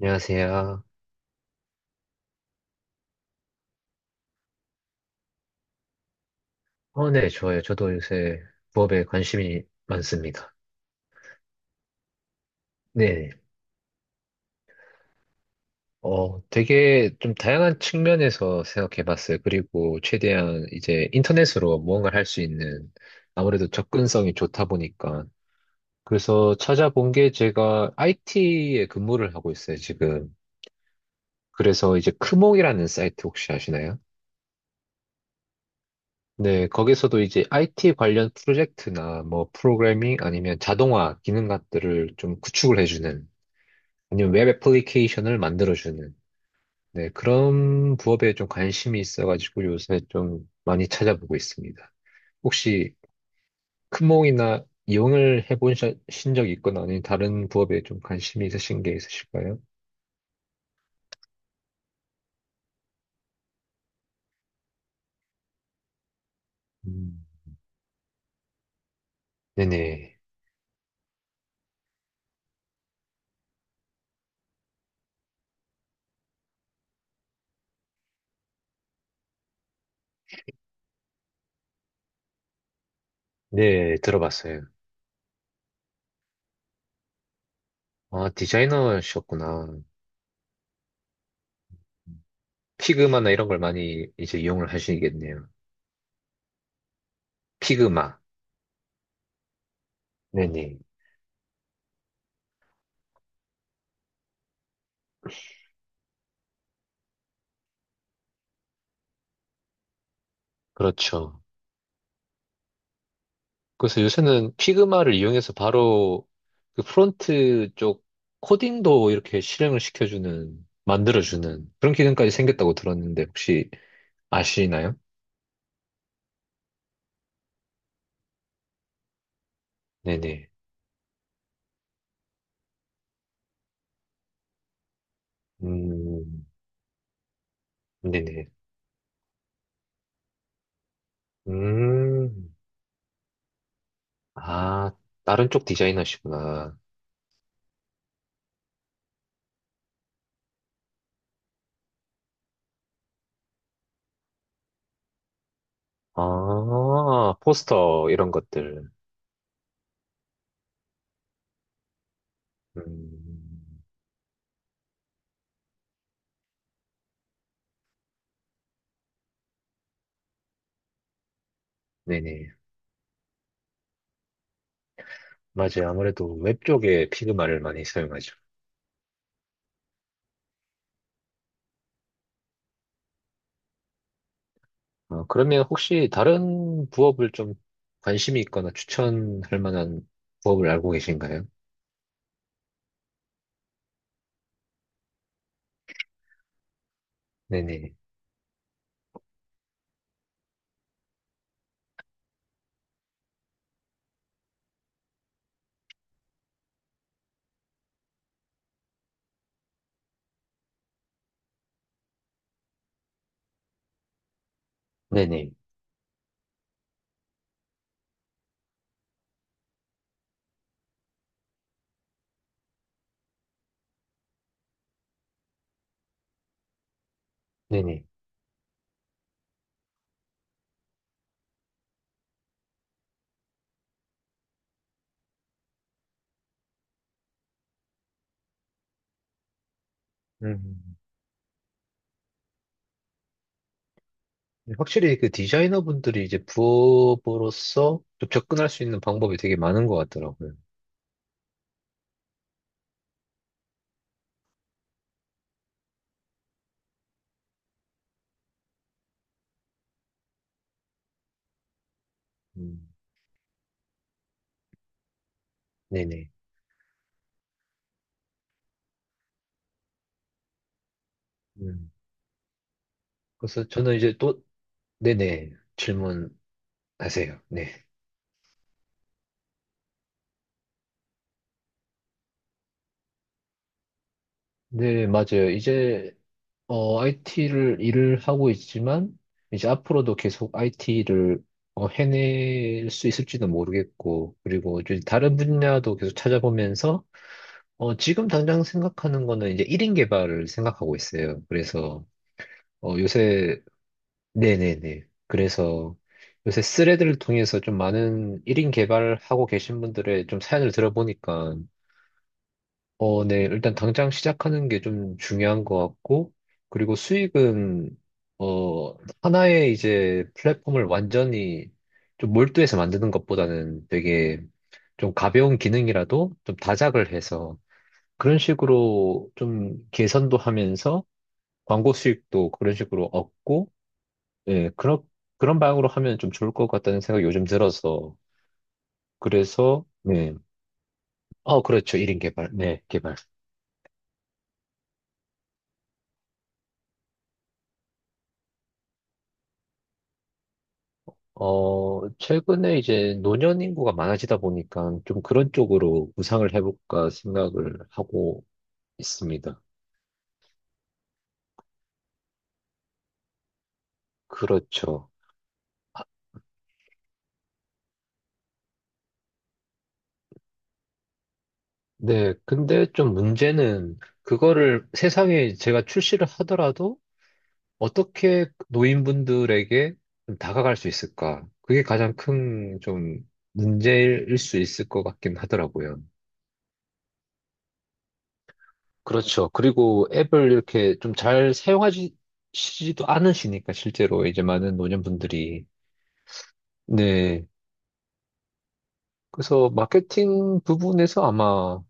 안녕하세요. 네, 좋아요. 저도 요새 부업에 관심이 많습니다. 네. 되게 좀 다양한 측면에서 생각해 봤어요. 그리고 최대한 이제 인터넷으로 무언가를 할 수 있는 아무래도 접근성이 좋다 보니까. 그래서 찾아본 게 제가 IT에 근무를 하고 있어요, 지금. 그래서 이제 크몽이라는 사이트 혹시 아시나요? 네, 거기서도 이제 IT 관련 프로젝트나 뭐 프로그래밍 아니면 자동화 기능 같들을 좀 구축을 해주는 아니면 웹 애플리케이션을 만들어주는 네, 그런 부업에 좀 관심이 있어가지고 요새 좀 많이 찾아보고 있습니다. 혹시 큰몽이나 이용을 해보신 적 있거나 아니면 다른 부업에 좀 관심이 있으신 게 있으실까요? 음, 네네. 네, 들어봤어요. 아, 디자이너셨구나. 피그마나 이런 걸 많이 이제 이용을 하시겠네요. 피그마. 네네. 그렇죠. 그래서 요새는 피그마를 이용해서 바로 그 프론트 쪽 코딩도 이렇게 실행을 시켜주는, 만들어주는 그런 기능까지 생겼다고 들었는데 혹시 아시나요? 네네. 음, 네네. 음, 아, 다른 쪽 디자이너시구나. 아, 포스터 이런 것들. 음, 네네. 맞아요. 아무래도 웹 쪽에 피그마를 많이 사용하죠. 그러면 혹시 다른 부업을 좀 관심이 있거나 추천할 만한 부업을 알고 계신가요? 네네. 네네. 네네. 음, 확실히 그 디자이너 분들이 이제 부업으로서 좀 접근할 수 있는 방법이 되게 많은 것 같더라고요. 음, 네네. 음, 그래서 저는 이제 또, 네네. 질문하세요. 네. 네, 맞아요. 이제 IT를 일을 하고 있지만, 이제 앞으로도 계속 IT를 해낼 수 있을지는 모르겠고, 그리고 이제 다른 분야도 계속 찾아보면서, 지금 당장 생각하는 거는 이제 1인 개발을 생각하고 있어요. 그래서, 요새, 네네네. 그래서 요새 스레드를 통해서 좀 많은 1인 개발하고 계신 분들의 좀 사연을 들어보니까, 네. 일단 당장 시작하는 게 좀 중요한 것 같고, 그리고 수익은, 어, 하나의 이제 플랫폼을 완전히 좀 몰두해서 만드는 것보다는 되게 좀 가벼운 기능이라도 좀 다작을 해서 그런 식으로 좀 개선도 하면서 광고 수익도 그런 식으로 얻고, 예, 그런 방향으로 하면 좀 좋을 것 같다는 생각이 요즘 들어서. 그래서, 네. 그렇죠. 1인 개발. 네, 개발. 최근에 이제 노년 인구가 많아지다 보니까 좀 그런 쪽으로 구상을 해볼까 생각을 하고 있습니다. 그렇죠. 네, 근데 좀 문제는 그거를 세상에 제가 출시를 하더라도 어떻게 노인분들에게 좀 다가갈 수 있을까? 그게 가장 큰 좀 문제일 수 있을 것 같긴 하더라고요. 그렇죠. 그리고 앱을 이렇게 좀 잘 사용하시지도 않으시니까 실제로 이제 많은 노년분들이 네. 그래서 마케팅 부분에서 아마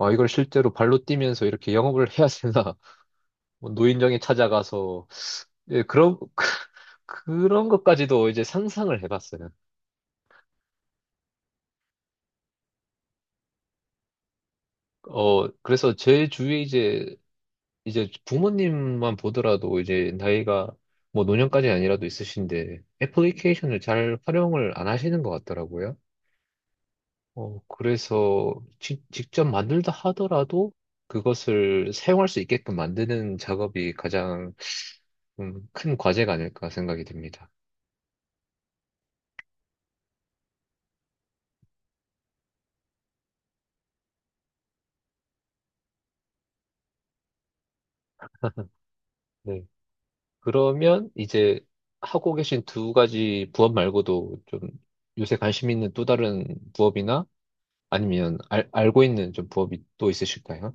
이걸 실제로 발로 뛰면서 이렇게 영업을 해야 되나 뭐 노인정에 찾아가서 예, 그런 그런 것까지도 이제 상상을 해봤어요. 그래서 제 주위에 이제 부모님만 보더라도 이제 나이가 뭐 노년까지 아니라도 있으신데 애플리케이션을 잘 활용을 안 하시는 것 같더라고요. 그래서 직접 만들다 하더라도 그것을 사용할 수 있게끔 만드는 작업이 가장 큰 과제가 아닐까 생각이 듭니다. 네. 그러면 이제 하고 계신 두 가지 부업 말고도 좀 요새 관심 있는 또 다른 부업이나 아니면 알고 있는 좀 부업이 또 있으실까요?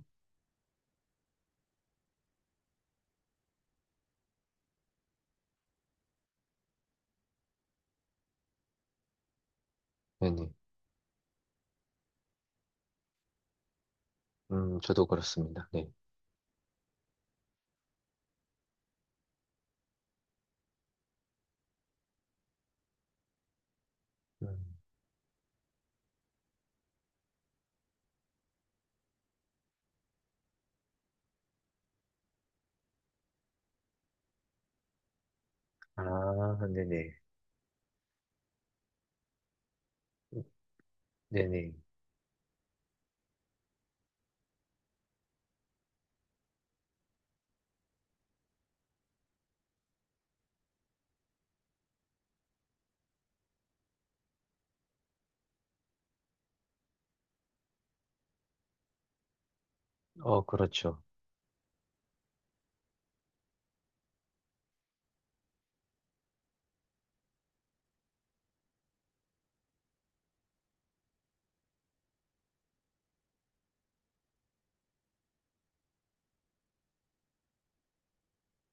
네네. 저도 그렇습니다. 네. 음, 아, 네네. 네네. 그렇죠.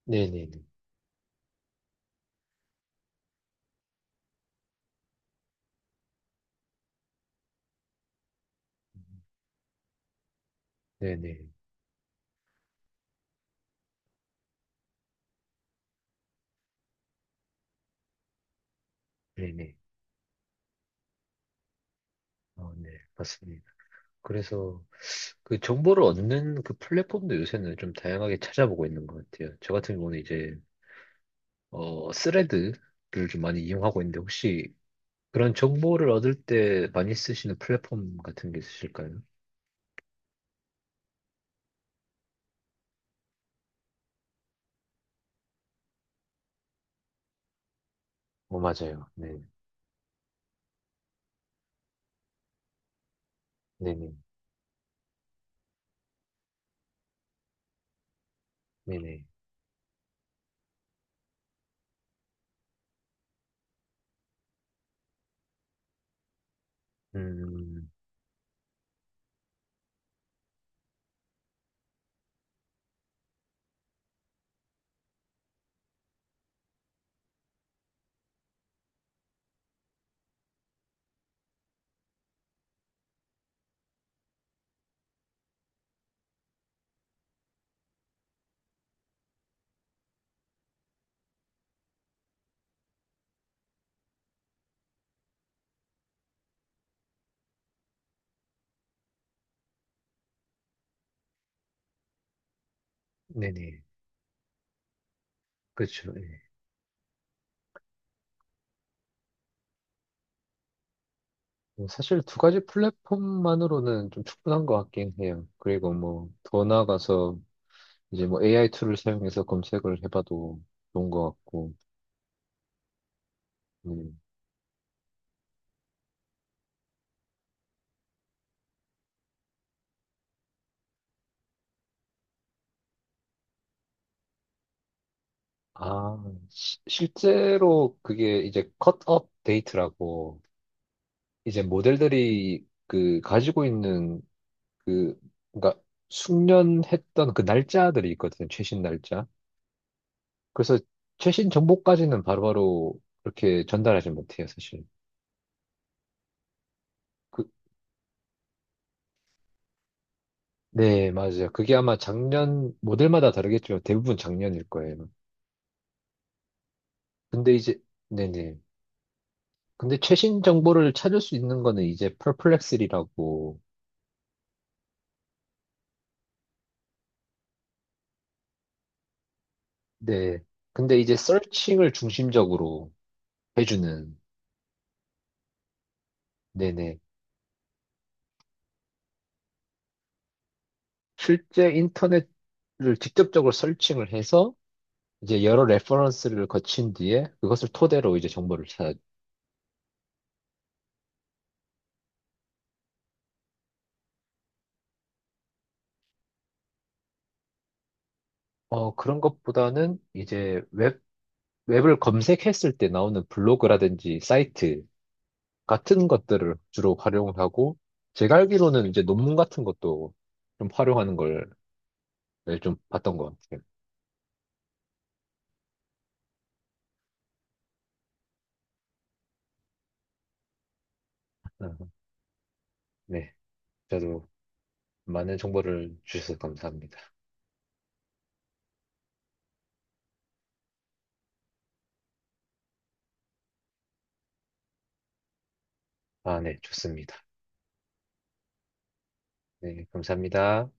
네네네. 네네. 네네. 네, 맞습니다. 그래서 그 정보를 얻는 그 플랫폼도 요새는 좀 다양하게 찾아보고 있는 것 같아요. 저 같은 경우는 이제 스레드를 좀 많이 이용하고 있는데 혹시 그런 정보를 얻을 때 많이 쓰시는 플랫폼 같은 게 있으실까요? 맞아요. 네, 네네, 네네. 음, 네네. 그렇죠. 예. 뭐 사실 두 가지 플랫폼만으로는 좀 충분한 것 같긴 해요. 그리고 뭐 더 나아가서 이제 뭐 AI 툴을 사용해서 검색을 해봐도 좋은 것 같고. 음. 아, 실제로 그게 이제 컷업 데이트라고 이제 모델들이 그 가지고 있는 그 그러니까 숙련했던 그 날짜들이 있거든요. 최신 날짜. 그래서 최신 정보까지는 바로바로 그렇게 전달하지 못해요, 사실. 그, 네, 맞아요. 그게 아마 작년 모델마다 다르겠지만 대부분 작년일 거예요. 근데 이제 네네. 근데 최신 정보를 찾을 수 있는 거는 이제 퍼플렉스리라고 네. 근데 이제 서칭을 중심적으로 해주는, 네네. 실제 인터넷을 직접적으로 서칭을 해서 이제 여러 레퍼런스를 거친 뒤에 그것을 토대로 이제 정보를 찾아. 그런 것보다는 이제 웹을 검색했을 때 나오는 블로그라든지 사이트 같은 것들을 주로 활용 하고 제가 알기로는 이제 논문 같은 것도 좀 활용하는 걸 네, 좀 봤던 것 같아요. 어, 네. 저도 많은 정보를 주셔서 감사합니다. 아, 네, 좋습니다. 네, 감사합니다.